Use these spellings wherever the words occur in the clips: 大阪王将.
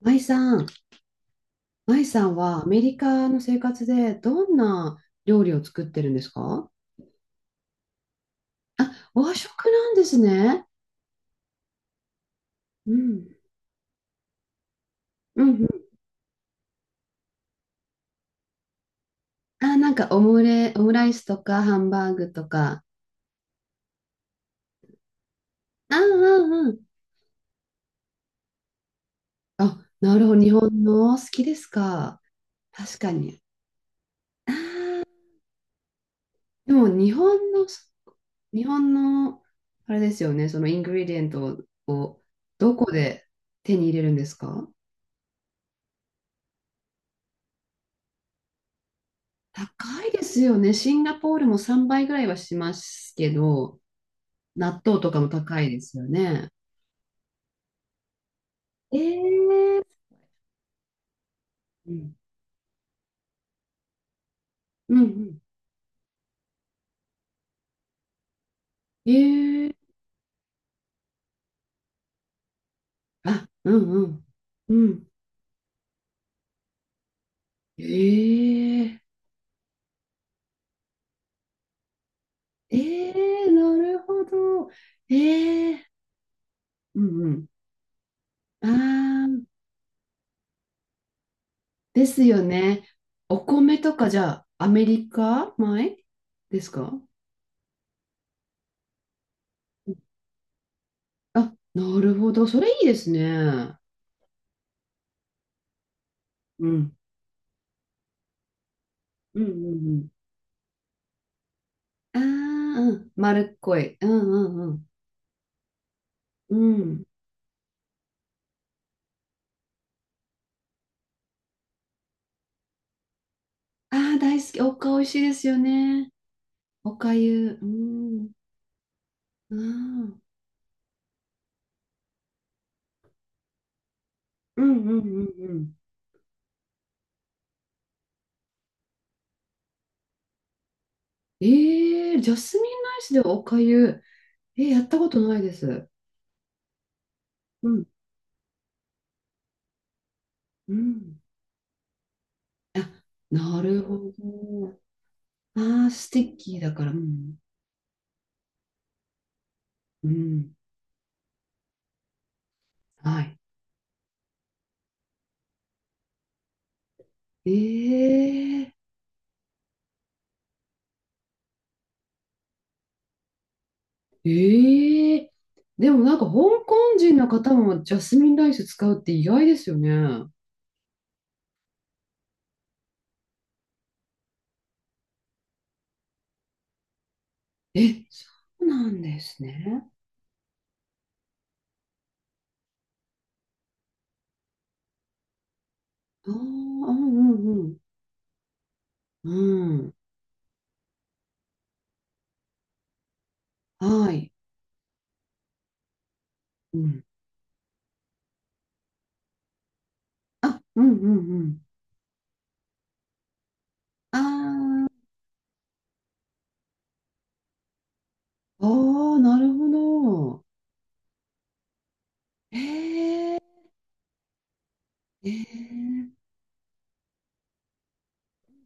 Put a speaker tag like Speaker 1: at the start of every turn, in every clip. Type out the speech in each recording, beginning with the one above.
Speaker 1: 舞さん、舞さんはアメリカの生活でどんな料理を作ってるんですか？あ、和食なんですね。うん。うんうん。あ、なんかオムライスとかハンバーグとか。あ、うんうん。あ、なるほど。日本の好きですか？確かに。でも日本の、あれですよね。そのイングリデントをどこで手に入れるんですか？高いですよね。シンガポールも3倍ぐらいはしますけど、納豆とかも高いですよね。えー、うん、うん、うん。えー、あ、うん、うん、うん。えー、えー、なるほど。えー、うん、うん。あー、ですよね。お米とかじゃあ、アメリカ米ですか？あ、なるほど。それいいですね。うん、うん、うん、うん。ああ、うん。丸っこい。うんうんうん。うん。ああ、大好き。美味しいですよね。おかゆ。うん。ああ。うんうんうんうん。ええ、ジャスミンライスでおかゆ。えー、やったことないです。うんうん。あ、なるほど。ああ、スティッキーだから。うん。うん。はい。ええ、ええ、でもなんか香港人の方もジャスミンライス使うって意外ですよね。え、そうなんですね。ああ、うんうんうん。うん。はい。うん。あ、うんうんうん。ああ、ああ、なるほど。ええ、ええ、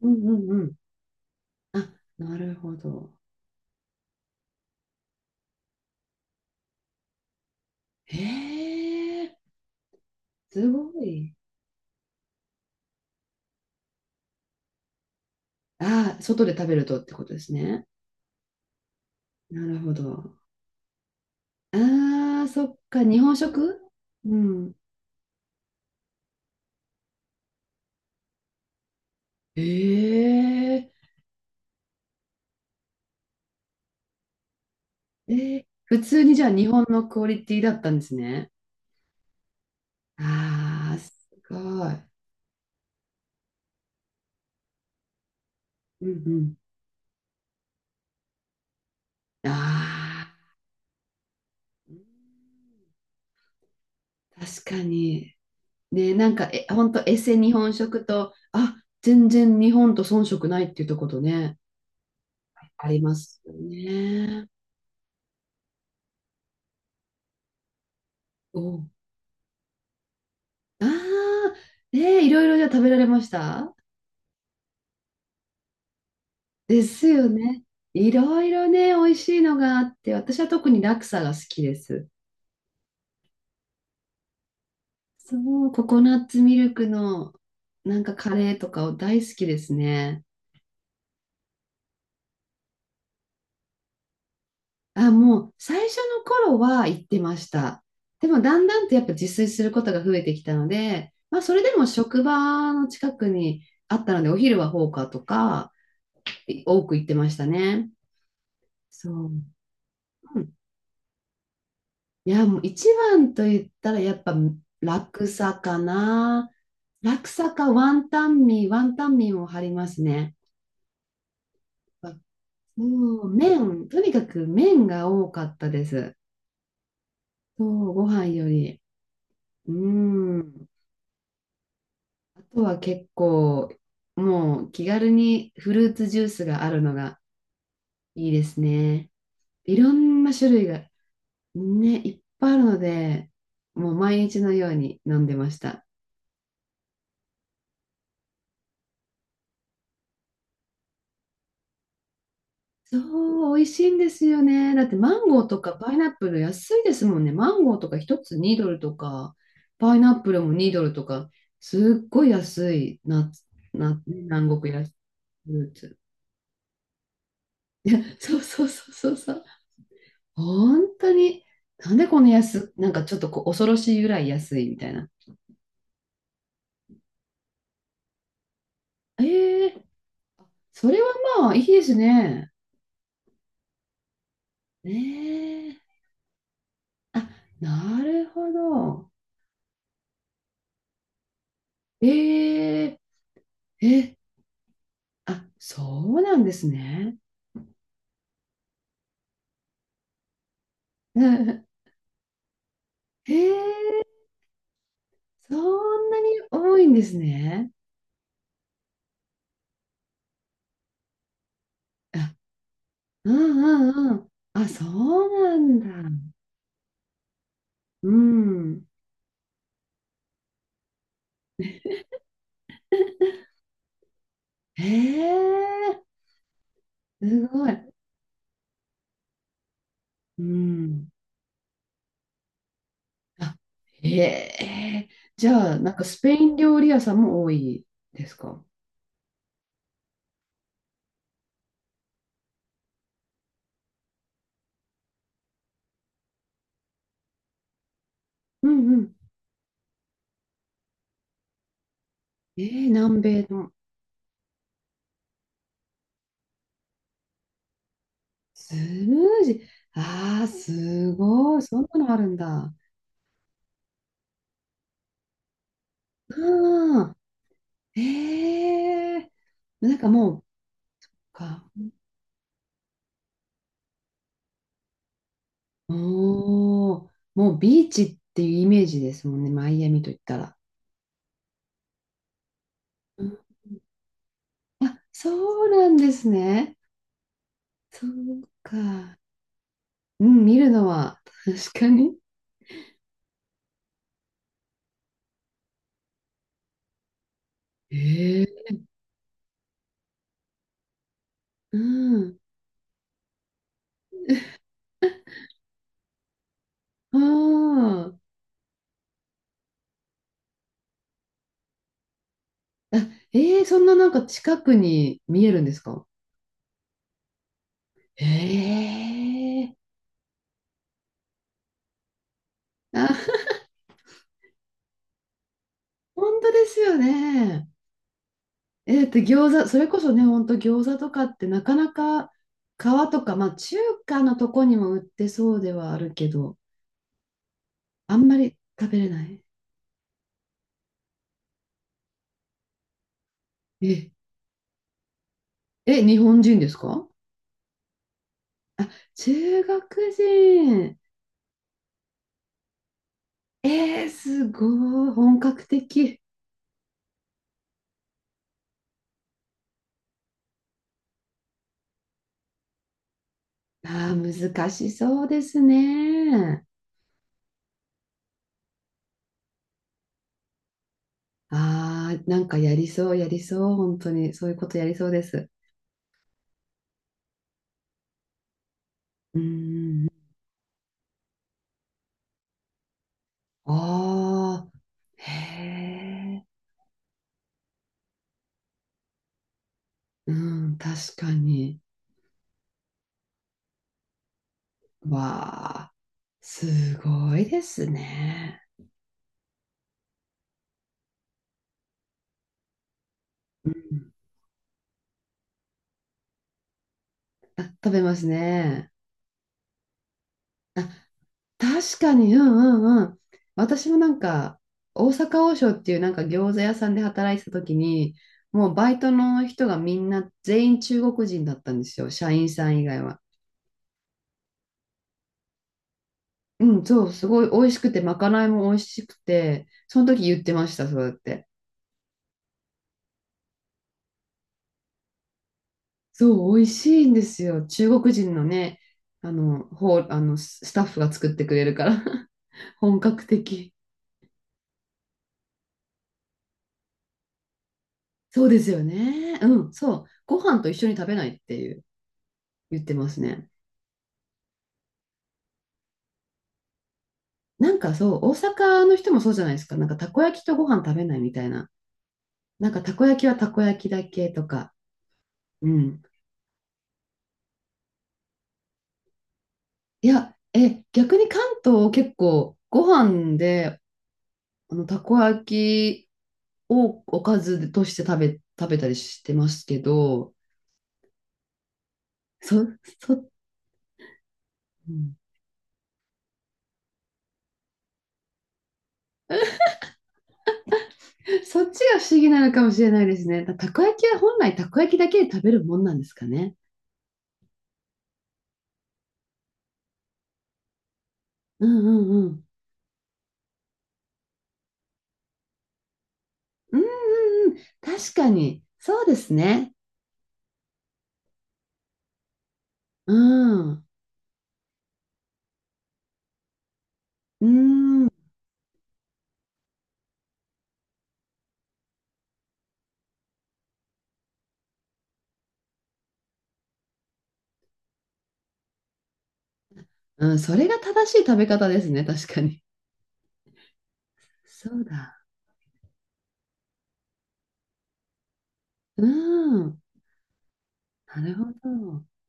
Speaker 1: うんうんうん。あ、なるほど。ええ、すごい。ああ、外で食べるとってことですね。なるほど。ああ、そっか、日本食。うん。ええ、ええ、普通にじゃあ日本のクオリティだったんですね。ああ、すごい。うんうん。ああ、うん、確かに。ね、なんか、え、ほんとエセ日本食と、あ、全然日本と遜色ないっていうとことね、ありますよね。お、ああ、ね、いろいろじゃあ食べられました？ですよね。いろいろね、美味しいのがあって、私は特にラクサが好きです。そう、ココナッツミルクのなんかカレーとかを大好きですね。あ、もう最初の頃は行ってました。でもだんだんとやっぱ自炊することが増えてきたので、まあそれでも職場の近くにあったので、お昼はフォーカーとかい多く行ってましたね。そう。うん、いや、もう一番と言ったらやっぱ楽さかな。楽さかワンタンミーも張りますね。もう麺、とにかく麺が多かったです。そう、ご飯より。うん。あとは結構、もう気軽にフルーツジュースがあるのがいいですね。いろんな種類がね、いっぱいあるので、もう毎日のように飲んでました。そう、美味しいんですよね。だってマンゴーとかパイナップル安いですもんね。マンゴーとか1つ2ドルとか、パイナップルも2ドルとか、すっごい安いな、ね、南国やフルーツ。そうそうそうそうそう。本当に、なんでこの安、なんかちょっとこう恐ろしいぐらい安いみたいな。ええ、それはまあいいですね。ねえ。あ、なるほど。えええ、あ、そうなんですね。うん、ええ、そんなに多いんですね。あ、うんうんうん。あ、そうなんだ。うん。ええ、すごい。うん。あ、へえ。じゃあ、なんかスペイン料理屋さんも多いですか？うんうん。えー、南米の。スムージー。ああ、すごい。そんなのあるんだ。ああ、ええー。なんかもう、か、おお、もうビーチっていうイメージですもんね。マイアミと言ったら。うん、あ、そうなんですね。そうか。うん、見るのは、確かに。ええ。うん。ああ、あ、えー、そんななんか近くに見えるんですか？ええー、あ、本当ですよね。えー、だって餃子、それこそね、本当餃子とかってなかなか皮とか、まあ中華のとこにも売ってそうではあるけど、あんまり食べれない。え、え、日本人ですか？あ、中国人。えー、すごい、本格的。あー、難しそうですね。ああ、なんかやりそう、やりそう、本当に、そういうことやりそうです。うん、ああ、へえ、うん、確かに。わあ、すごいですね。うん、あ、食べますね。あ、確かに、うんうんうん。私もなんか、大阪王将っていうなんか餃子屋さんで働いてた時に、もうバイトの人がみんな全員中国人だったんですよ、社員さん以外は。うん、そう、すごい美味しくて、まかないも美味しくて、その時言ってました、そうやって。そう、美味しいんですよ。中国人のね、あの、ほう、あの、スタッフが作ってくれるから、本格的。そうですよね。うん、そう。ご飯と一緒に食べないっていう、言ってますね。なんかそう、大阪の人もそうじゃないですか。なんかたこ焼きとご飯食べないみたいな。なんかたこ焼きはたこ焼きだけとか。うん。いや、え、逆に関東結構ご飯でたこ焼きをおかずとして食べたりしてますけど、そ、うん、そっちが不思議なのかもしれないですね。たこ焼きは本来たこ焼きだけで食べるもんなんですかね。うんうんうん。うんうんうん。確かに。そうですね。うん。うん。うん。それが正しい食べ方ですね。確かに。そうだ。うん。なるほど。